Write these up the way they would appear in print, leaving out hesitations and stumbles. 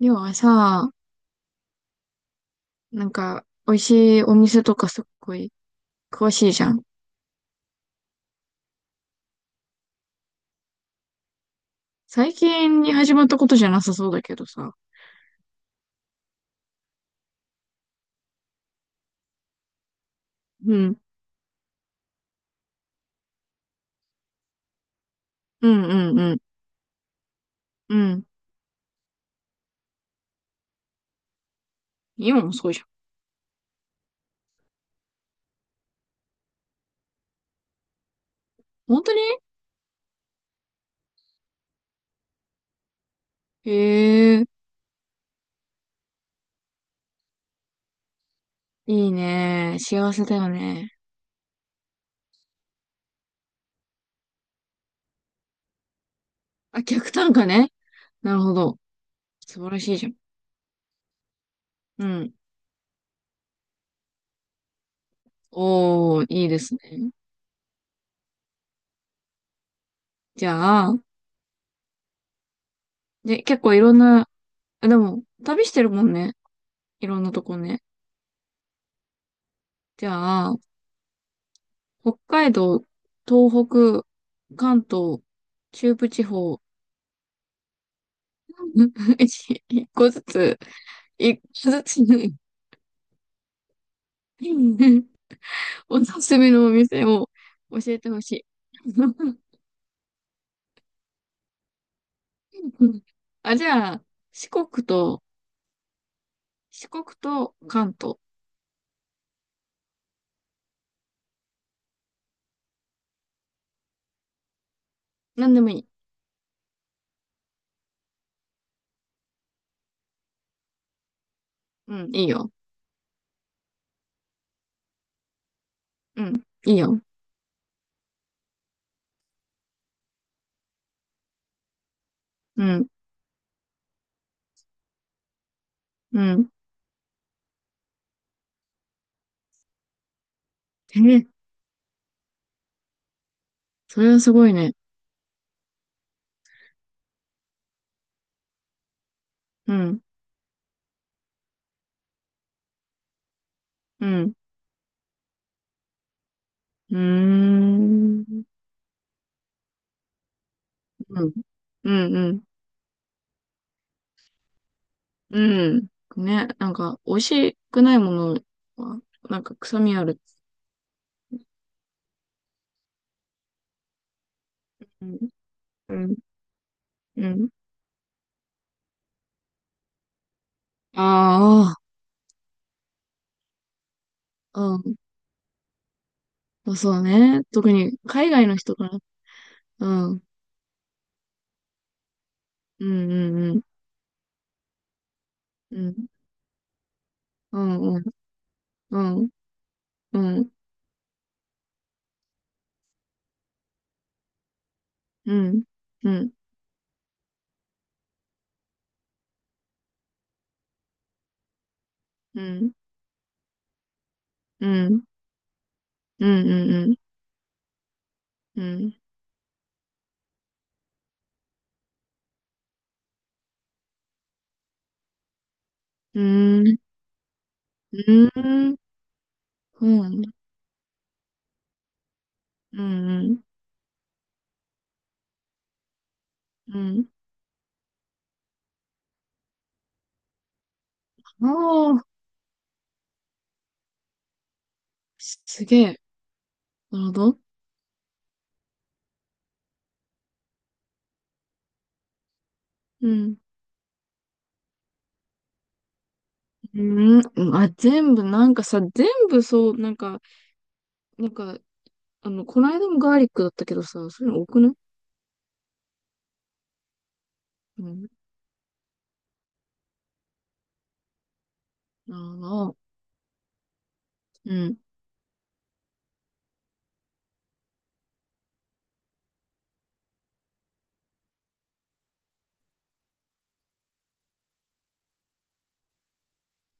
りょうはさ、なんか、美味しいお店とかすっごい詳しいじゃん。最近に始まったことじゃなさそうだけどさ。うん。うんうんうん。うん。今もそうじゃん。本当にへえ、いいね。幸せだよね。あ、客単価ね。なるほど。素晴らしいじゃん。うん。おー、いいですね。じゃあ、で、結構いろんな、あでも、旅してるもんね。いろんなとこね。じゃあ、北海道、東北、関東、中部地方、一個ずつ、一個ずつ、おすすめのお店を教えてほしい。あ、じゃあ、四国と、四国と関東。なんでもいい。うん、いいよ。うん、いいよ。うん、うん。えー、それはすごいね。うん、うん、うーん、うん、うん、うん、うん。ね、なんか、美味しくないものは、なんか臭みある。うん、うん、うん。ああ、うん。まあそうね。特に、海外の人から。うん、うん、うん、うん、うん、うん、うん、うん、うん、うん、うん、うん、うん、うん、うん、うん、うん、うん、うん、うん、うん。ああー、すげえ。なるほど。うん。うん、あ、全部、なんかさ、全部そう、なんか、なんか、あの、この間もガーリックだったけどさ、そういうの多くないうん。あの、うん。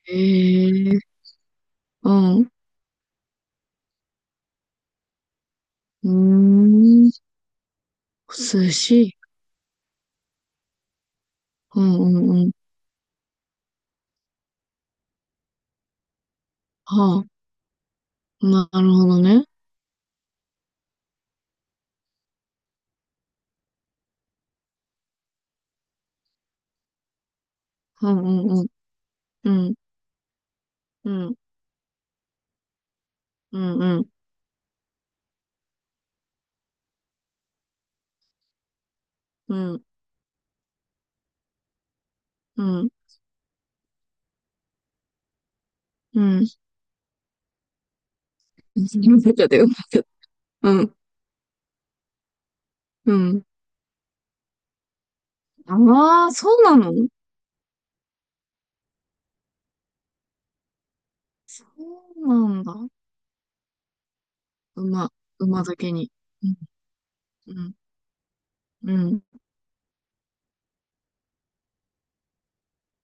ええうん。うーん。寿司。うんうんうん。はあ、なるほどね。うんうんうん。うん、うん、うん、うん、うん、うん。うん。よかったよかった。うん、うん。ああ、そうなのそうなんだ。馬、馬だけに。うん、うん、うん。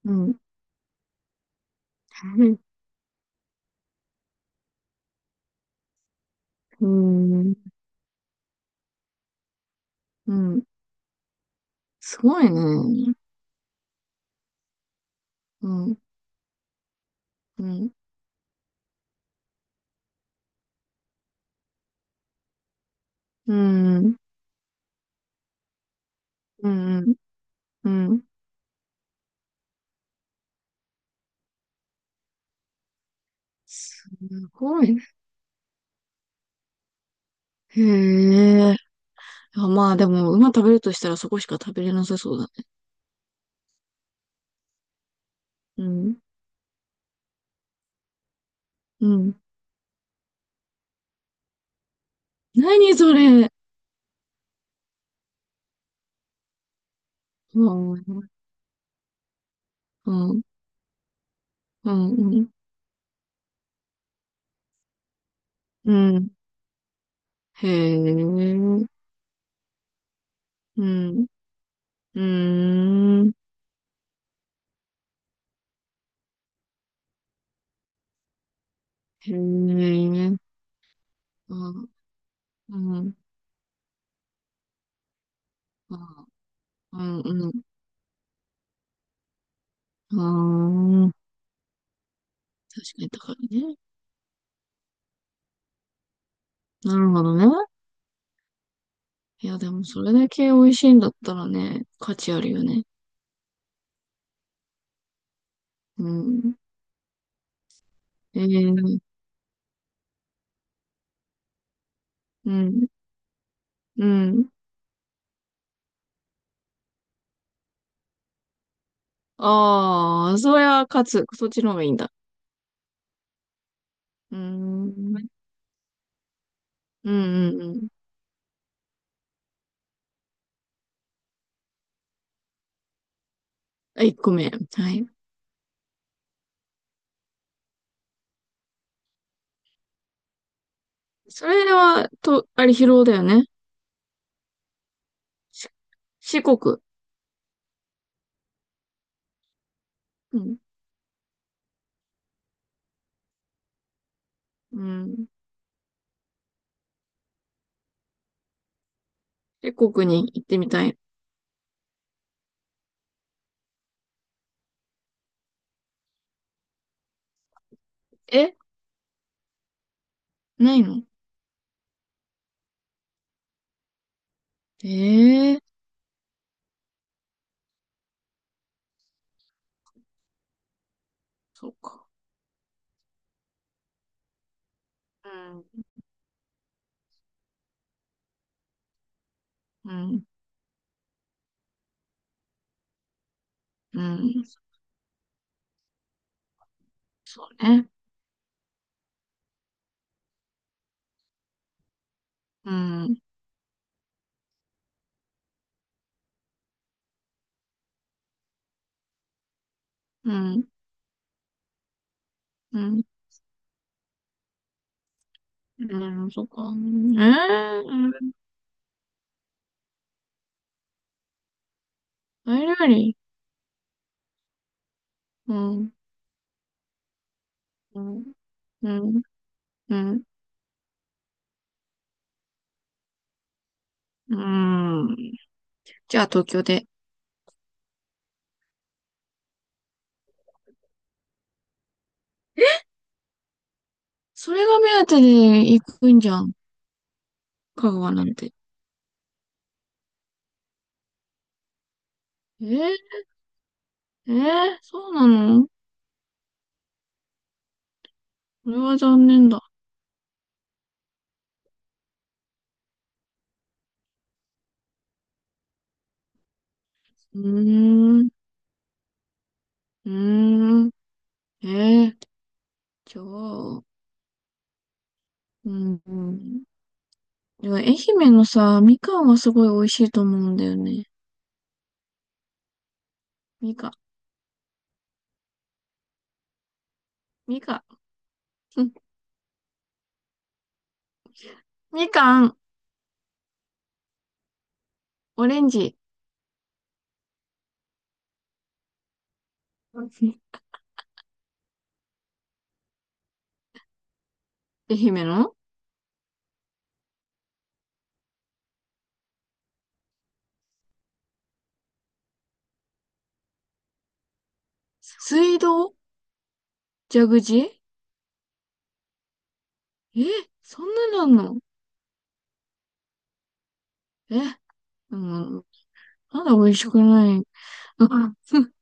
うん。うん。うん。すごいね。うん。うん。うん。うん。うん。すごいね。へえ。あ、まあでも、馬食べるとしたらそこしか食べれなさそうだね。うん。うん。何それ。うん。うん。うん。うん。うんへえ。うん。うーん。へえ。うん。うん。うん。うん。ああ。確かに高いね。なるほどね。いや、でもそれだけ美味しいんだったらね、価値あるよね。うん。えー、うん、うん。ああ、そりゃ勝つ。そっちの方がいいんだ。うーん、うん、うん、うん。あ、1個目。はい。それは、と、あれ、疲労だよね。し四国。うん、うん。四国に行ってみたい。えないのええー、そうか。うん、うん、うん。そうね。うん、うん、うん。うん、そっか。うん、えー、タイ料理。うん、うん、うん、うん。うんじゃあ東京で。それが目当てで行くんじゃん。香川なんて。えー、えー、そうなのそれは残念だ。うーん、うーん。えー、じゃあ、うん、うん。でも愛媛のさ、みかんはすごい美味しいと思うんだよね。みかん、みかん、うんみかん、オレンジ。うん愛媛の水道蛇口え、そんなのあんのえ、うん、まだ美味しくない。う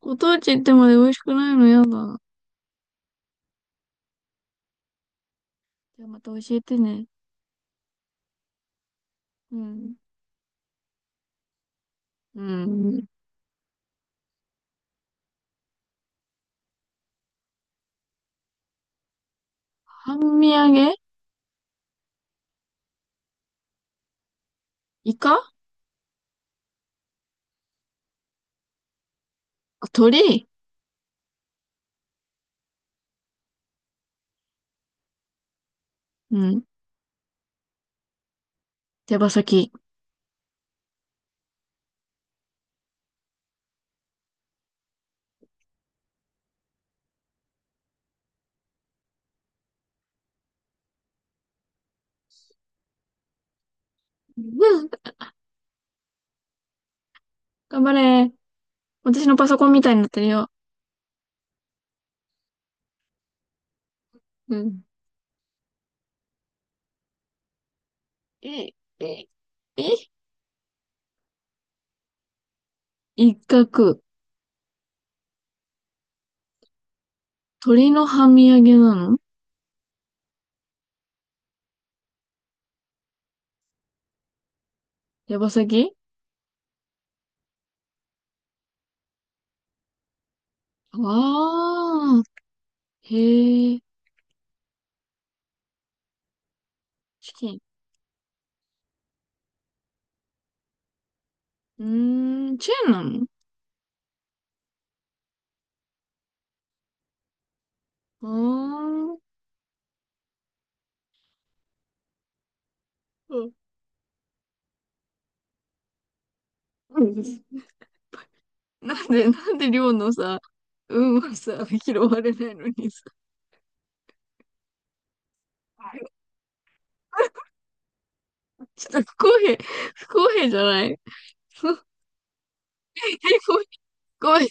ご当地行ってまで美味しくないのやだ。じゃあまた教えてね。うん。うん。半身揚げイカあ鳥うん。手羽先。うん。頑張れ。私のパソコンみたいになってるよ。うん。え、え、え、一角。鳥の半身揚げなの手羽先ああー。へえ。チキン。うーん、チェーンなのああー。うんななんで寮のさ、運はさ、拾われないのにさ。ちょっと不公平、不公平じゃない不公平 不公平